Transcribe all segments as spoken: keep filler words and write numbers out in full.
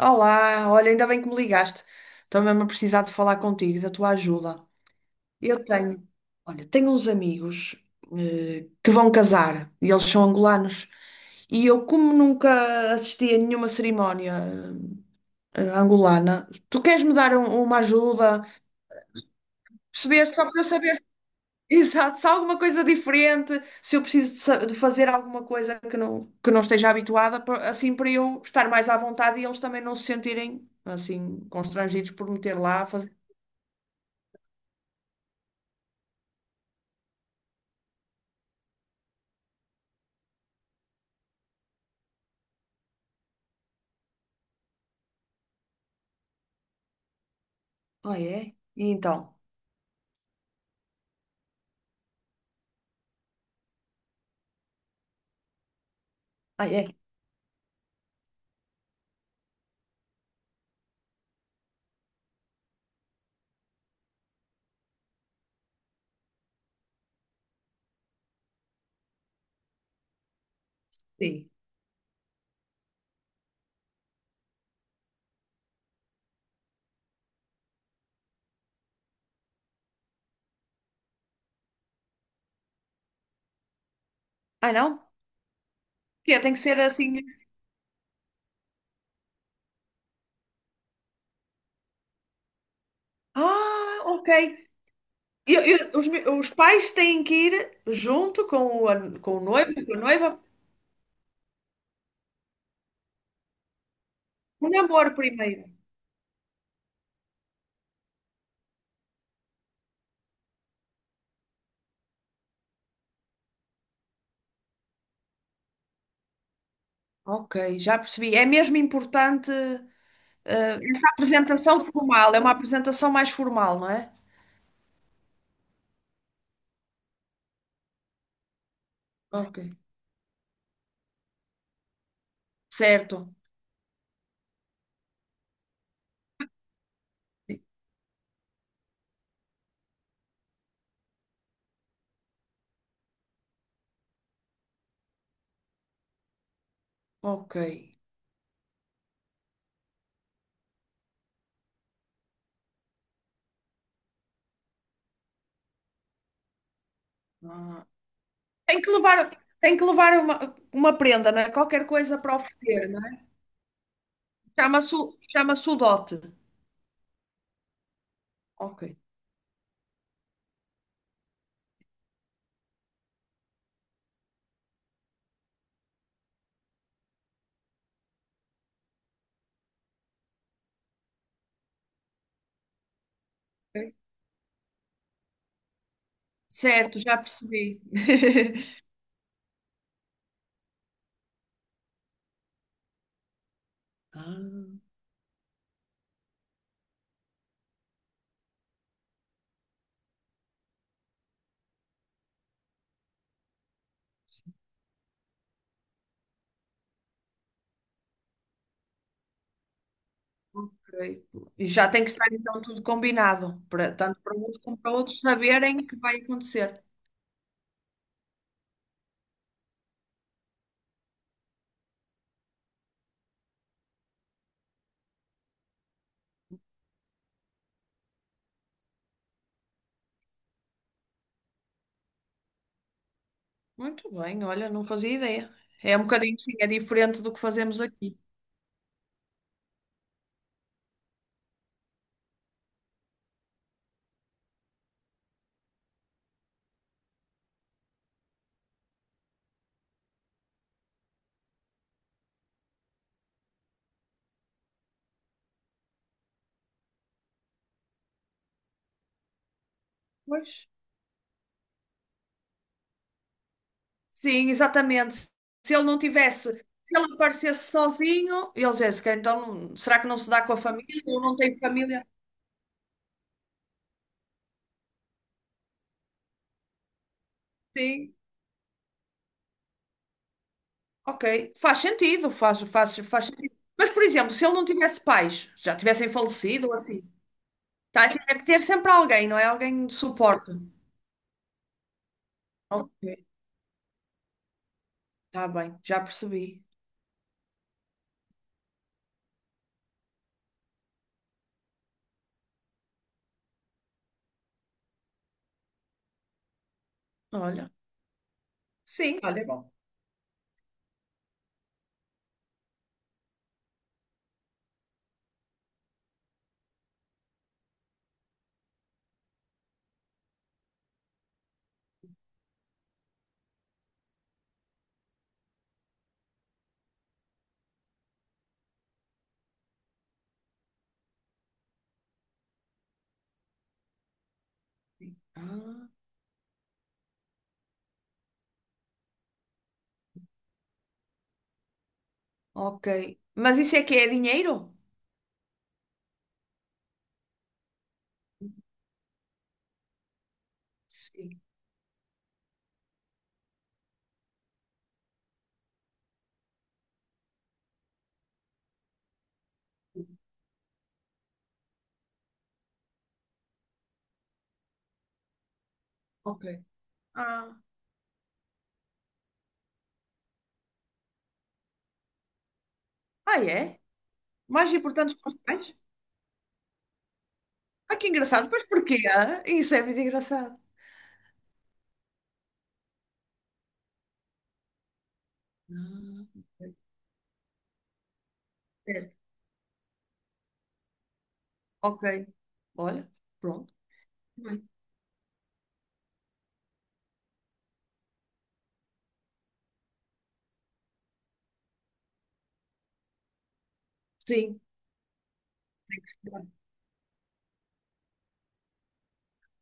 Olá, olha, ainda bem que me ligaste. Estou mesmo a precisar de falar contigo, da tua ajuda. Eu tenho, olha, tenho uns amigos eh, que vão casar e eles são angolanos. E eu, como nunca assisti a nenhuma cerimónia eh, angolana, tu queres me dar um- uma ajuda? Perceber, só para eu saber. Exato, se há alguma coisa diferente, se eu preciso de, sa- de fazer alguma coisa que não, que não esteja habituada, pa- assim para eu estar mais à vontade e eles também não se sentirem assim constrangidos por me ter lá a fazer. Ah, é? E então? Ah, é? Sim. Ah, não? Que tem que ser assim. Ah, ok. Eu- eu- os, me- os pais têm que ir junto com o, an- com o noivo, com a noiva, o namoro primeiro. Ok, já percebi. É mesmo importante. Ah, essa apresentação formal é uma apresentação mais formal, não é? Ok. Certo. Ok. Ah, tem que levar, tem que levar uma, uma prenda, não é? Qualquer coisa para oferecer, não é? Chama-se o- chama-se o dote. Ok. Ok. Certo, já percebi. Ah, ok. E já tem que estar então tudo combinado, para, tanto para uns como para outros saberem o que vai acontecer. Muito bem, olha, não fazia ideia. É um bocadinho, sim, é diferente do que fazemos aqui. Pois. Sim, exatamente. Se ele não tivesse, se ele aparecesse sozinho, ele Jéssica, então não- será que não se dá com a família? Ou não tem família? Sim, ok. Faz sentido, faz, faz, faz sentido. Mas, por exemplo, se ele não tivesse pais, já tivessem falecido ou assim, tá, tinha que ter sempre alguém, não é? Alguém de suporte. Ok, tá bem, já percebi. Olha, sim, olha. Ah, ok. Mas isso é que é dinheiro? Sim, ok. Ah, ah é? Mais importante que os pais? Ah, que engraçado. Mas porquê? Ah? Isso é muito engraçado. Ah, ok. Certo. Ok. Olha, pronto. Bem, sim.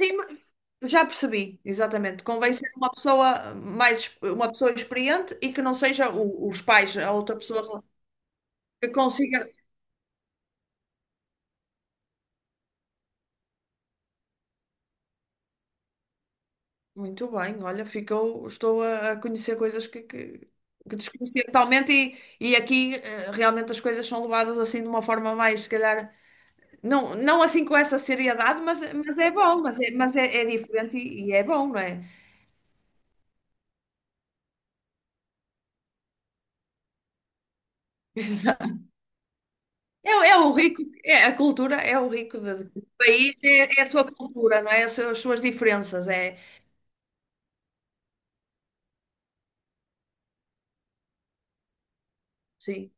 Sim, mas- já percebi, exatamente. Convém ser uma pessoa mais, uma pessoa experiente e que não seja o- os pais, a outra pessoa que consiga. Muito bem, olha, ficou, estou a a conhecer coisas que, que, que desconhecia totalmente e, e aqui eh, realmente as coisas são levadas assim de uma forma mais, se calhar. Não, não assim com essa seriedade, mas, mas é, bom, mas é, mas é, é diferente e, e é bom, não é? É, é o rico, é a cultura, é o rico de- do país, é, é a sua cultura, não é? As suas, as suas diferenças, é, sim.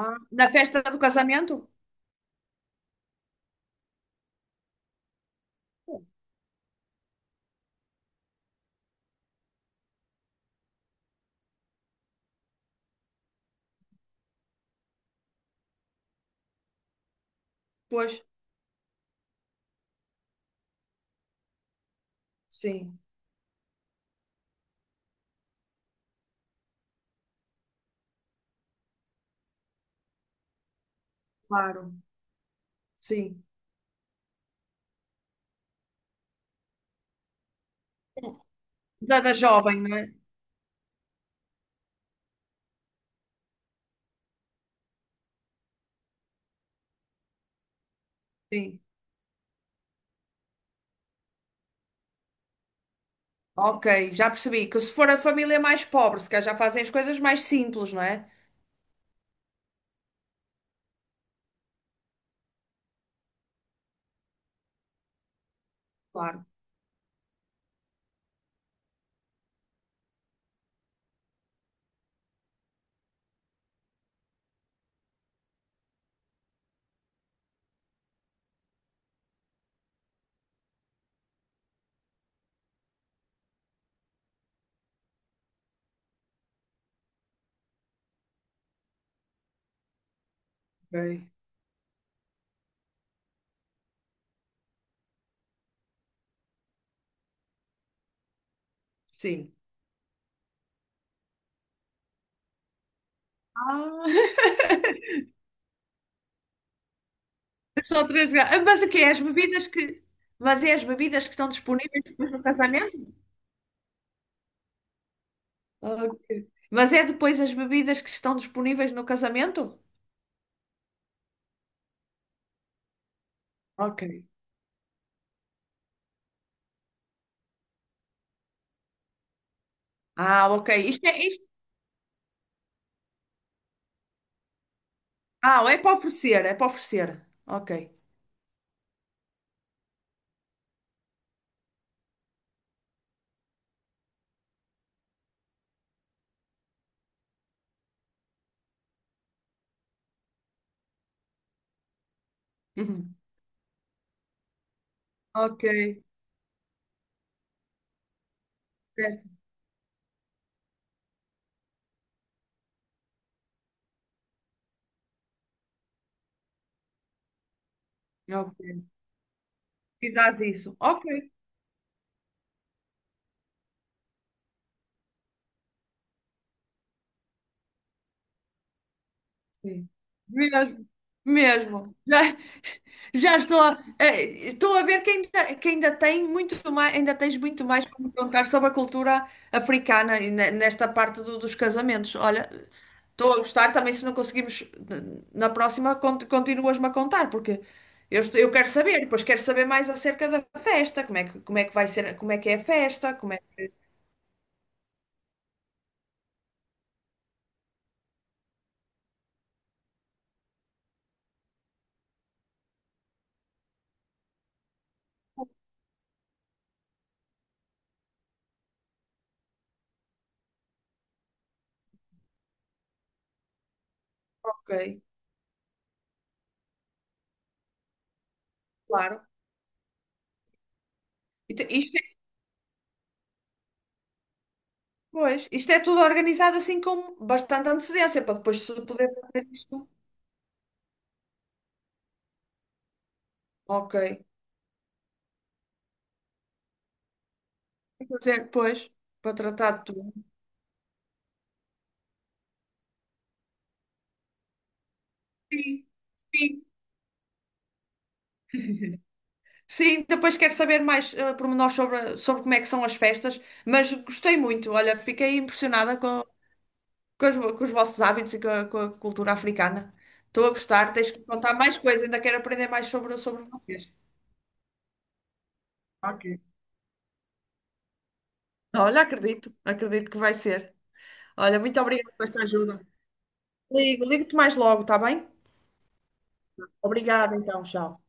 Ah, na festa do casamento? Pois, sim, claro, sim. Da, da jovem, não é? Sim. Ok, já percebi que se for a família mais pobre, se calhar já fazem as coisas mais simples, não é? Claro. Ok. Sim. Ah. Só três garrafas. Mas o quê? As bebidas que. Mas é as bebidas que estão disponíveis depois no casamento? Ok. Mas é depois as bebidas que estão disponíveis no casamento? Ok. Ah, ok. Isto é, isto- Ah, é para oferecer, é para oferecer. Ok. Uhum. Ok. Certo. Ok. E dás isso. Ok. Sim. Mesmo. Mesmo. Já estou a, eh, estou a ver que ainda, que ainda tem muito mais, ainda tens muito mais para me contar sobre a cultura africana e ne- nesta parte do- dos casamentos. Olha, estou a gostar também se não conseguimos eh, na próxima cont- continuas-me a contar, porque eu, estou- eu quero saber, depois quero saber mais acerca da festa, como é que, como é que vai ser, como é que é a festa, como é que, ok, claro. E te- isto é, pois, isto é tudo organizado assim com bastante antecedência para depois se poder fazer isto. Ok. Fazer, pois, para tratar de tudo. Sim, sim, sim. Depois quero saber mais uh, pormenores sobre, sobre como é que são as festas, mas gostei muito. Olha, fiquei impressionada com, com, os, com os vossos hábitos e com a, com a cultura africana. Estou a gostar, tens que me contar mais coisas, ainda quero aprender mais sobre, sobre vocês. Ok. Olha, acredito, acredito que vai ser. Olha, muito obrigada por esta ajuda. Ligo, ligo-te mais logo, está bem? Obrigada, então, tchau.